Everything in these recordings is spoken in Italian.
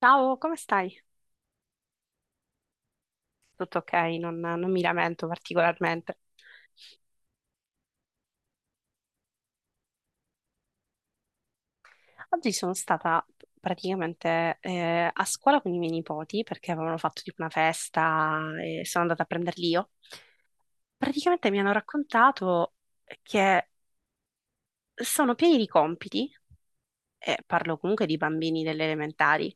Ciao, come stai? Tutto ok, non mi lamento particolarmente. Oggi sono stata praticamente a scuola con i miei nipoti perché avevano fatto tipo una festa e sono andata a prenderli io. Praticamente mi hanno raccontato che sono pieni di compiti e parlo comunque di bambini delle elementari.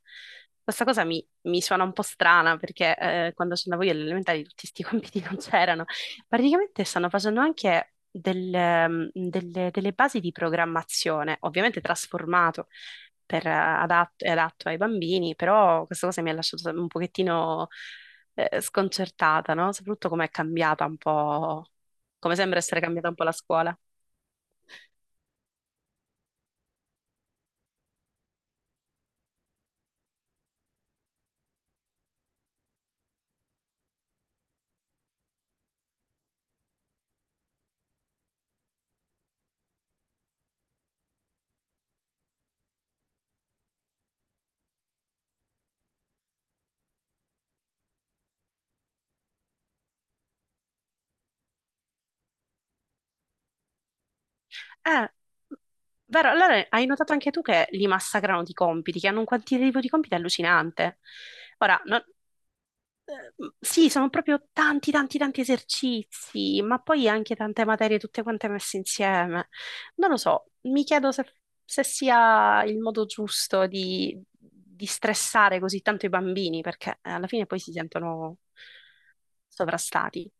Questa cosa mi suona un po' strana perché quando sono andavo io alle elementari tutti questi compiti non c'erano. Praticamente stanno facendo anche delle basi di programmazione, ovviamente trasformato è adatto ai bambini, però questa cosa mi ha lasciato un pochettino sconcertata, no? Soprattutto come sembra essere cambiata un po' la scuola. Eh, vero, allora hai notato anche tu che li massacrano di compiti, che hanno un quantitativo di compiti allucinante. Ora, eh, sì, sono proprio tanti, tanti, tanti esercizi, ma poi anche tante materie, tutte quante messe insieme. Non lo so, mi chiedo se sia il modo giusto di stressare così tanto i bambini, perché alla fine poi si sentono sovrastati.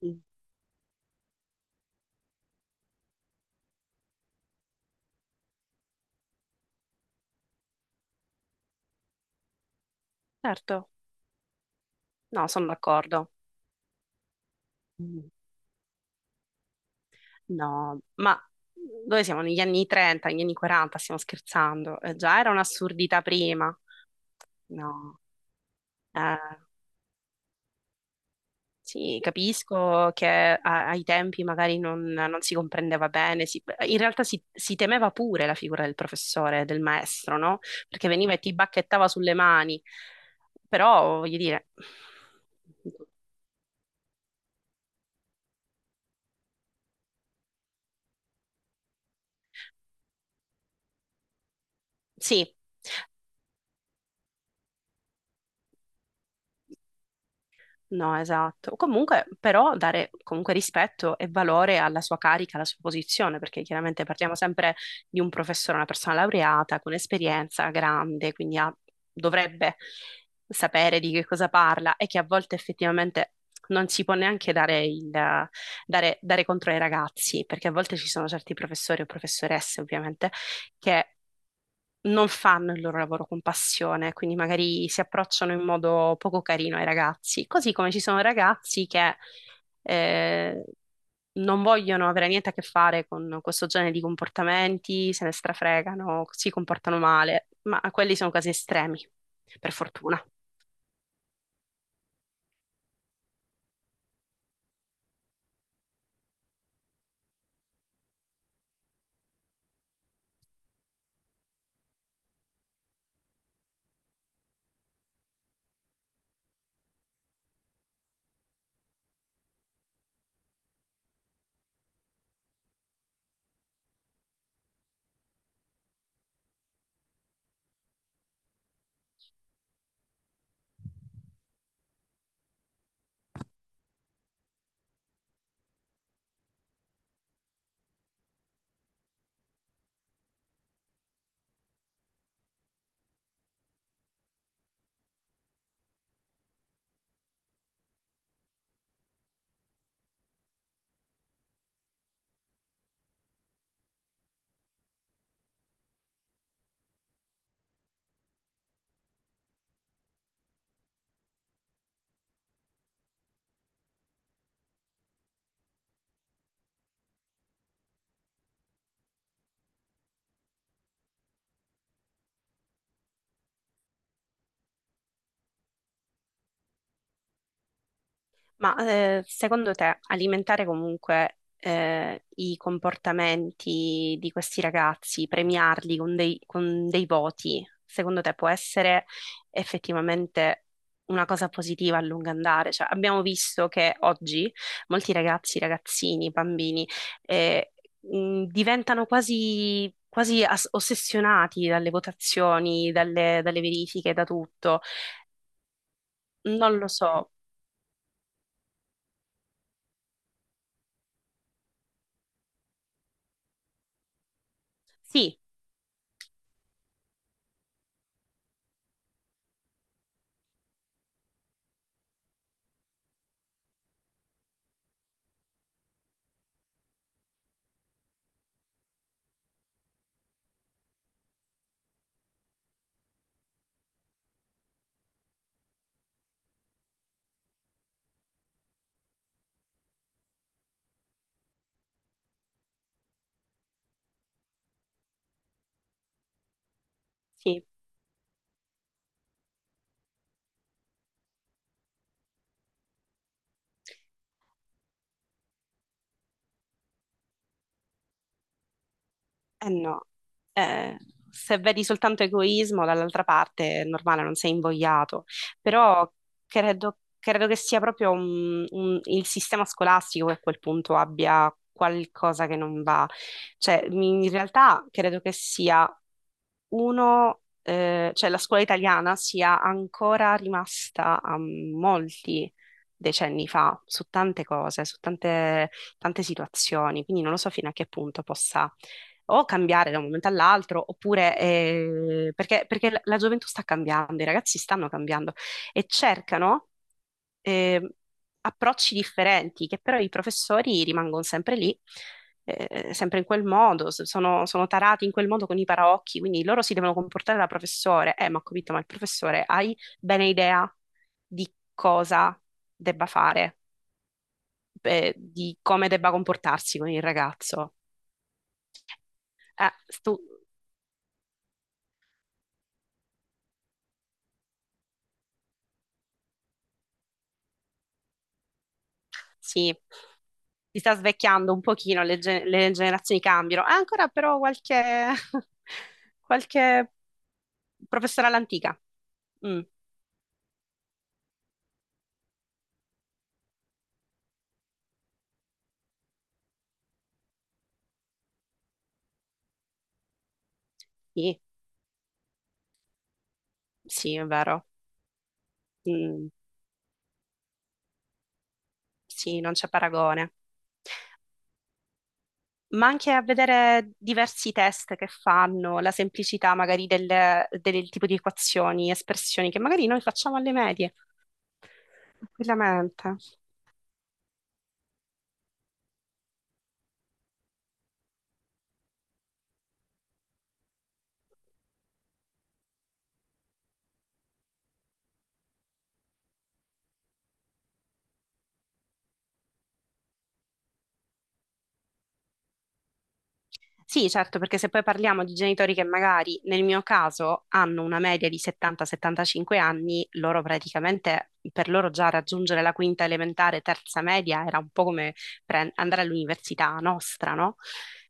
Sì. Certo, no, sono d'accordo. No, ma noi siamo negli anni 30, negli anni 40, stiamo scherzando. Già era un'assurdità prima. No, eh, sì, capisco che ai tempi magari non si comprendeva bene. In realtà si temeva pure la figura del professore, del maestro, no? Perché veniva e ti bacchettava sulle mani. Però, voglio dire, sì. No, esatto. Comunque, però, dare comunque rispetto e valore alla sua carica, alla sua posizione, perché chiaramente parliamo sempre di un professore, una persona laureata con esperienza grande, quindi dovrebbe sapere di che cosa parla e che a volte effettivamente non si può neanche dare contro ai ragazzi, perché a volte ci sono certi professori o professoresse, ovviamente, che non fanno il loro lavoro con passione, quindi magari si approcciano in modo poco carino ai ragazzi, così come ci sono ragazzi che eh, non vogliono avere niente a che fare con questo genere di comportamenti, se ne strafregano, si comportano male, ma quelli sono casi estremi, per fortuna. Ma secondo te alimentare comunque i comportamenti di questi ragazzi, premiarli con dei voti, secondo te può essere effettivamente una cosa positiva a lungo andare? Cioè, abbiamo visto che oggi molti ragazzi, ragazzini, bambini eh, diventano quasi, quasi ossessionati dalle votazioni, dalle verifiche, da tutto. Non lo so. Sì, sì. Eh no, eh, se vedi soltanto egoismo dall'altra parte è normale, non sei invogliato, però credo che sia proprio il sistema scolastico che a quel punto abbia qualcosa che non va. Cioè, in realtà credo che sia cioè la scuola italiana sia ancora rimasta a molti decenni fa su tante cose, su tante tante situazioni, quindi non lo so fino a che punto possa o cambiare da un momento all'altro, oppure perché la gioventù sta cambiando, i ragazzi stanno cambiando e cercano eh, approcci differenti, che però i professori rimangono sempre lì, sempre in quel modo, sono tarati in quel modo con i paraocchi, quindi loro si devono comportare da professore. Ma ho capito, ma il professore hai bene idea di cosa debba fare, di come debba comportarsi con il ragazzo? Eh, tu Sì, si sta svecchiando un pochino, le generazioni cambiano. Ha ancora però qualche, qualche professore all'antica. Mm, sì, sì, è vero. Mm, sì, non c'è paragone. Ma anche a vedere diversi test che fanno, la semplicità magari del tipo di equazioni, espressioni che magari noi facciamo alle medie, tranquillamente. Sì, certo, perché se poi parliamo di genitori che magari nel mio caso hanno una media di 70-75 anni, loro praticamente, per loro già raggiungere la quinta elementare, terza media era un po' come andare all'università nostra, no?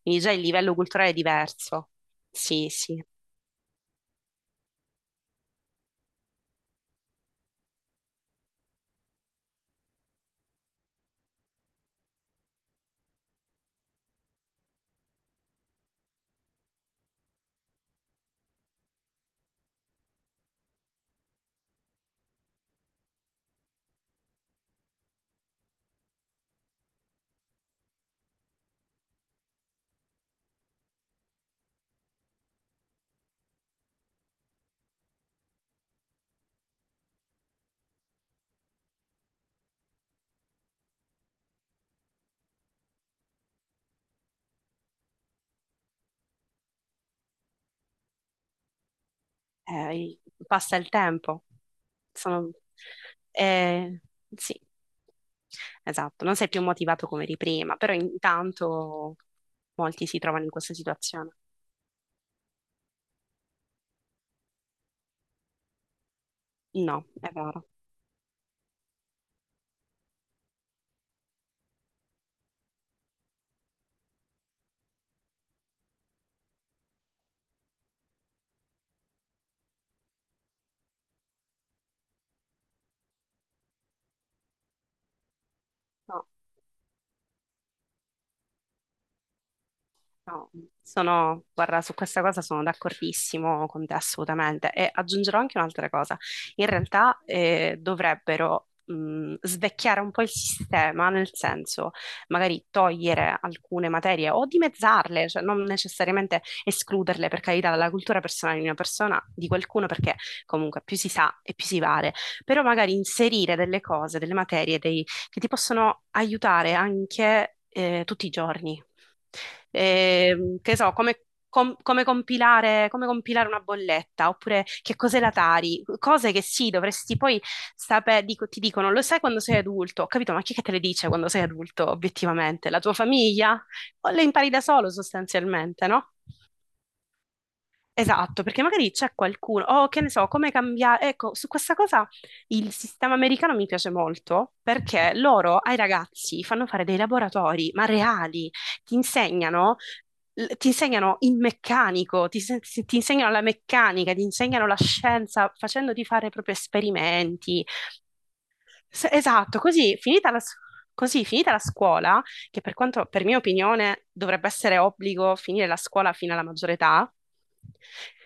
Quindi già il livello culturale è diverso. Sì, sì, eh, passa il tempo. Sono- eh, sì, esatto, non sei più motivato come di prima, però intanto molti si trovano in questa situazione. No, è vero. No, no, guarda, su questa cosa sono d'accordissimo con te assolutamente e aggiungerò anche un'altra cosa. In realtà dovrebbero svecchiare un po' il sistema, nel senso magari togliere alcune materie o dimezzarle, cioè non necessariamente escluderle per carità dalla cultura personale di una persona, di qualcuno, perché comunque più si sa e più si vale, però magari inserire delle cose, delle materie che ti possono aiutare anche tutti i giorni. Che so, come compilare una bolletta, oppure che cos'è la Tari, cose che sì, dovresti poi sapere, ti dicono, lo sai quando sei adulto, ho capito, ma chi è che te le dice quando sei adulto, obiettivamente? La tua famiglia? O le impari da solo, sostanzialmente, no? Esatto, perché magari c'è qualcuno, oh, che ne so, come cambiare. Ecco, su questa cosa il sistema americano mi piace molto perché loro ai ragazzi fanno fare dei laboratori, ma reali, ti insegnano, ti insegnano il meccanico, ti, se- ti insegnano la meccanica, ti insegnano la scienza facendoti fare proprio esperimenti. Esatto, così, finita la scuola, che per quanto, per mia opinione, dovrebbe essere obbligo finire la scuola fino alla maggiore età,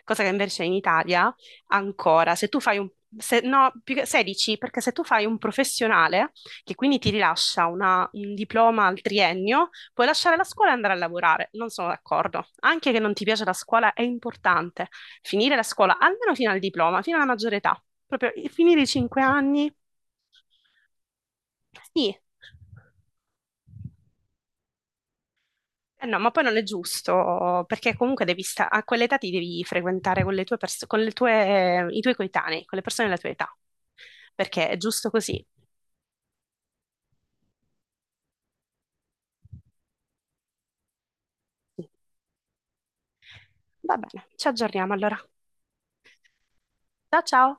cosa che invece in Italia ancora, se tu fai un, se- no, più che 16, perché se tu fai un professionale, che quindi ti rilascia un diploma al triennio, puoi lasciare la scuola e andare a lavorare. Non sono d'accordo. Anche che non ti piace la scuola è importante finire la scuola, almeno fino al diploma, fino alla maggiore età. Proprio finire i 5 anni. Sì. Eh no, ma poi non è giusto, perché comunque devi a quell'età ti devi frequentare con le tue pers- con le tue- i tuoi coetanei, con le persone della tua età, perché è giusto così. Va bene, ci aggiorniamo allora. Ciao ciao!